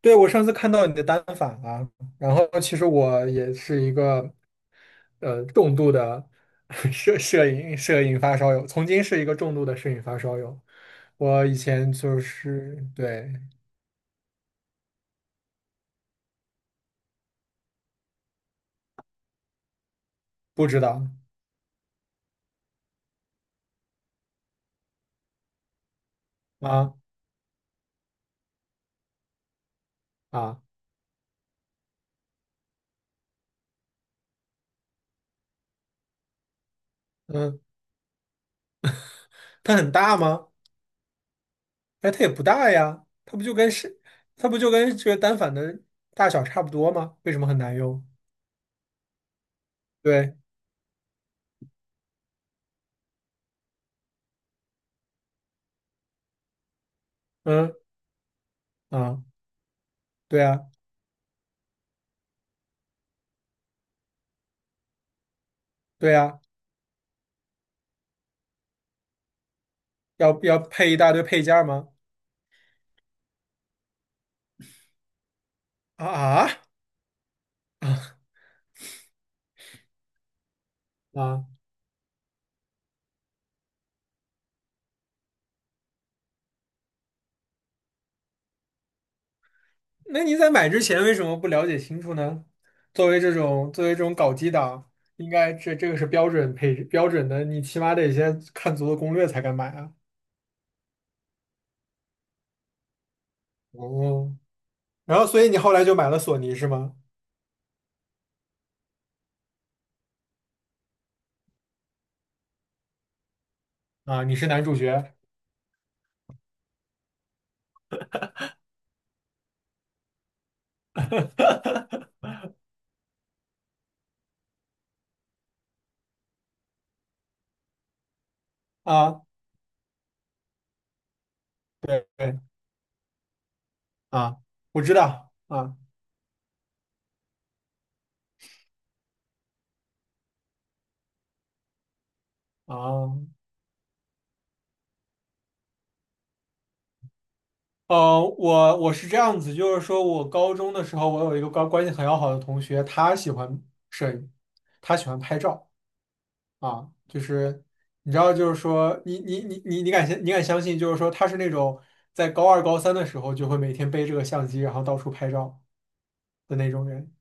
对，我上次看到你的单反了。然后其实我也是一个重度的 摄影发烧友，曾经是一个重度的摄影发烧友。我以前就是对，不知道。啊，啊，嗯，它很大吗？哎，它也不大呀，它不就跟这个单反的大小差不多吗？为什么很难用？对。嗯。啊，对呀，对呀，要配一大堆配件儿吗？啊，啊！啊，那你在买之前为什么不了解清楚呢？作为这种搞基党，应该这个是标准配置标准的，你起码得先看足了攻略才敢买啊。哦，然后所以你后来就买了索尼是吗？啊，你是男主角啊？对对啊，我知道啊。啊，哦，我是这样子，就是说我高中的时候，我有一个高关系很要好的同学，他喜欢摄影，他喜欢拍照。啊，就是你知道，就是说，你敢相信，就是说他是那种在高二高三的时候就会每天背这个相机，然后到处拍照的那种人。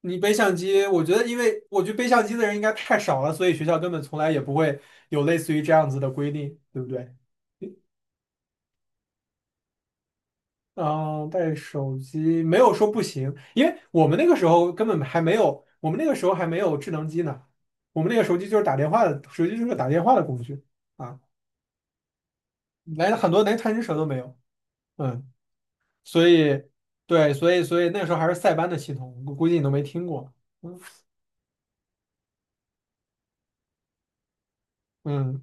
你背相机，我觉得，因为我觉得背相机的人应该太少了，所以学校根本从来也不会有类似于这样子的规定，对不对？嗯，带手机没有说不行，因为我们那个时候根本还没有，我们那个时候还没有智能机呢，我们那个手机就是打电话的，手机就是个打电话的工具。啊，来了很多连探针蛇都没有。嗯，所以对，所以所以那时候还是塞班的系统，我估计你都没听过。嗯。嗯，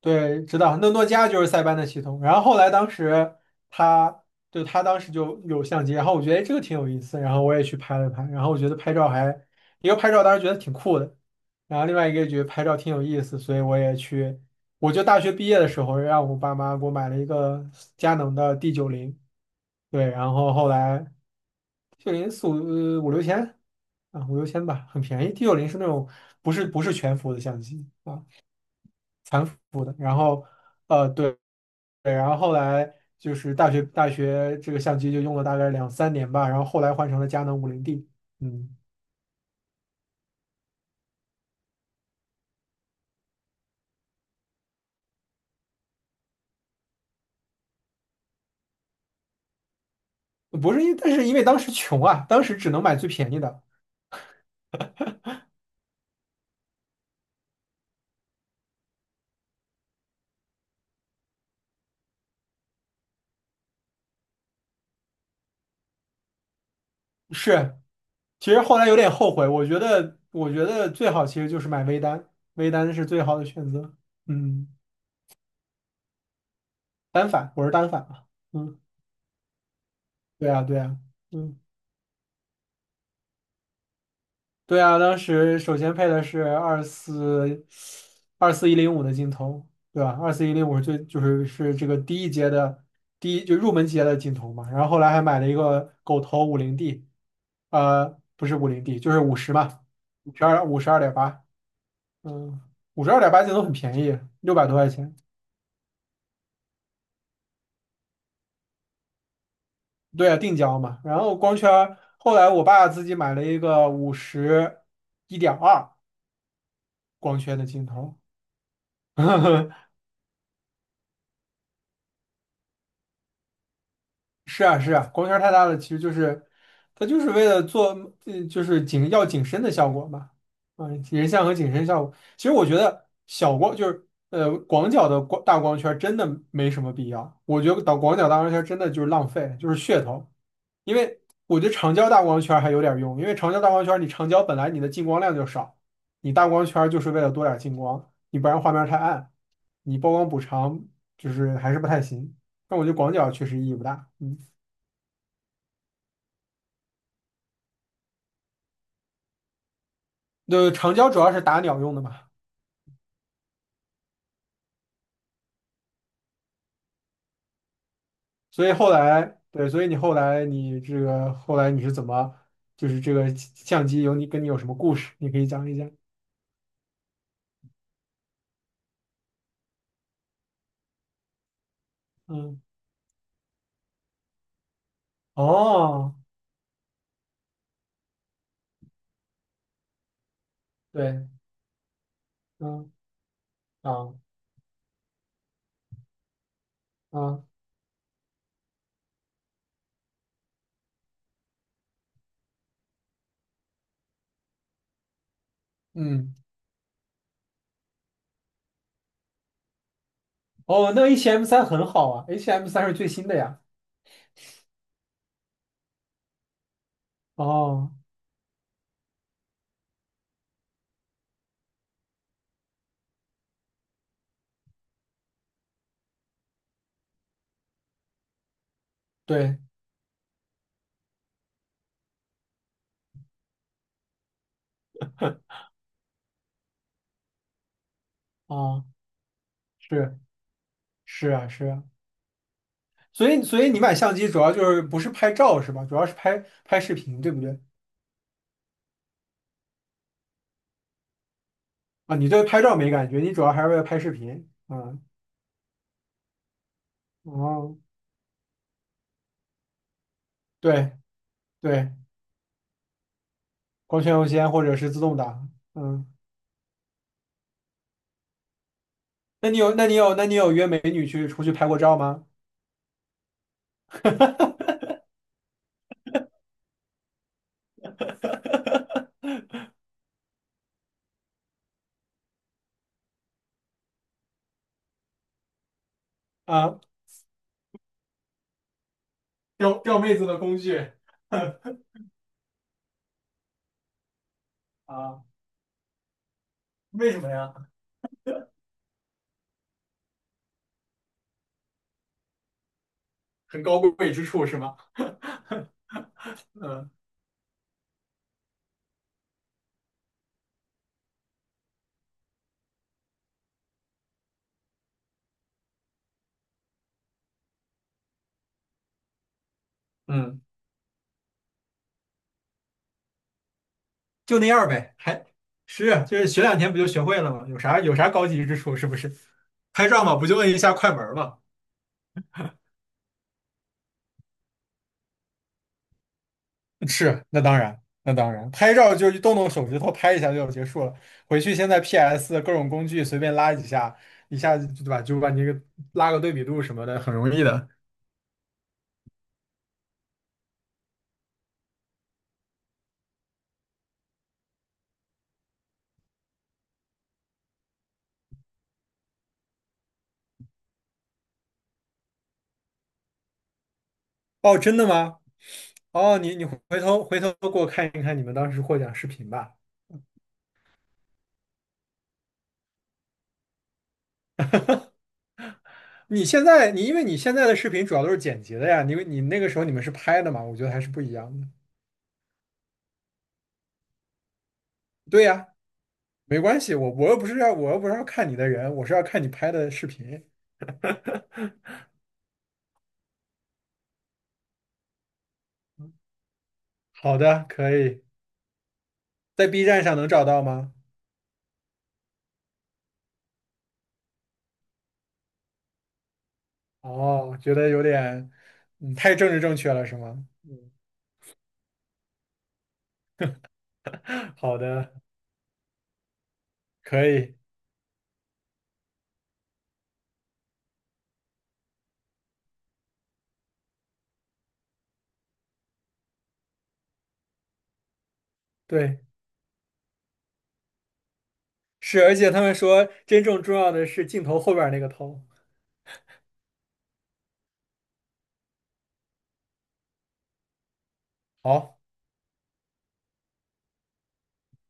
对，知道，那诺基亚就是塞班的系统。然后后来当时他他当时就有相机，然后我觉得哎这个挺有意思，然后我也去拍了拍，然后我觉得拍照还一个拍照当时觉得挺酷的，然后另外一个觉得拍照挺有意思，所以我也去，我就大学毕业的时候让我爸妈给我买了一个佳能的 D90。对，然后后来。T 九零四五呃五六千。啊，五六千吧，很便宜。T 九零是那种不是全幅的相机啊，残幅的。然后对，对，然后后来就是大学这个相机就用了大概两三年吧，然后后来换成了佳能五零 D。嗯，不是因，但是因为当时穷啊，当时只能买最便宜的。是，其实后来有点后悔，我觉得我觉得最好其实就是买微单，微单是最好的选择。嗯，单反，我是单反嘛。嗯。对啊，对啊。嗯，对啊，当时首先配的是二四一零五的镜头，对吧？二四一零五是最就是是这个第一阶的就入门级的镜头嘛。然后后来还买了一个狗头五零 D,不是五零 D，就是五十嘛，五十二点八，嗯，五十二点八镜头很便宜，600多块钱。对啊，定焦嘛。然后光圈儿后来我爸自己买了一个50 1.2光圈的镜头。是啊，是啊，光圈儿太大了，其实就是它就是为了做，嗯，就是景深的效果嘛。啊，人像和景深效果。其实我觉得小光就是广角的大光圈儿真的没什么必要，我觉得导广角大光圈儿真的就是浪费，就是噱头。因为我觉得长焦大光圈儿还有点儿用，因为长焦大光圈儿你长焦本来你的进光量就少，你大光圈儿就是为了多点儿进光，你不然画面儿太暗，你曝光补偿就是还是不太行。但我觉得广角确实意义不大。嗯。对，长焦主要是打鸟用的嘛。所以后来，对，所以你后来你这个后来你是怎么，就是这个相机有你跟你有什么故事，你可以讲一讲。嗯。哦。对。嗯。啊。啊。嗯。哦，那 H M 三很好啊，H M 三是最新的呀。哦。对。哦。是，是啊，是啊，所以所以你买相机主要就是不是拍照是吧？主要是拍拍视频，对不对？啊，你对拍照没感觉，你主要还是为了拍视频啊。哦。对对，光圈优先或者是自动挡。嗯，那你有约美女去出去拍过照吗？啊，钓妹子的工具。啊？为什么呀？很高贵之处是吗？嗯。嗯，就那样呗，还是就是学两天不就学会了吗？有啥高级之处是不是？拍照嘛，不就摁一下快门儿嘛。是，那当然，那当然，拍照就是动动手指头拍一下就结束了。回去现在 PS 各种工具随便拉几下，一下子对吧，就把你个拉个对比度什么的，很容易的。哦，真的吗？哦，你你回头给我看一看你们当时获奖视频吧。你现在你因为你现在的视频主要都是剪辑的呀，你那个时候你们是拍的嘛，我觉得还是不一样的。对呀，没关系，我又不是要看你的人，我是要看你拍的视频。好的，可以。在 B 站上能找到吗？哦，觉得有点，嗯，太政治正确了，是吗？嗯。好的，可以。对，是，而且他们说真正重要的是镜头后边儿那个头。好。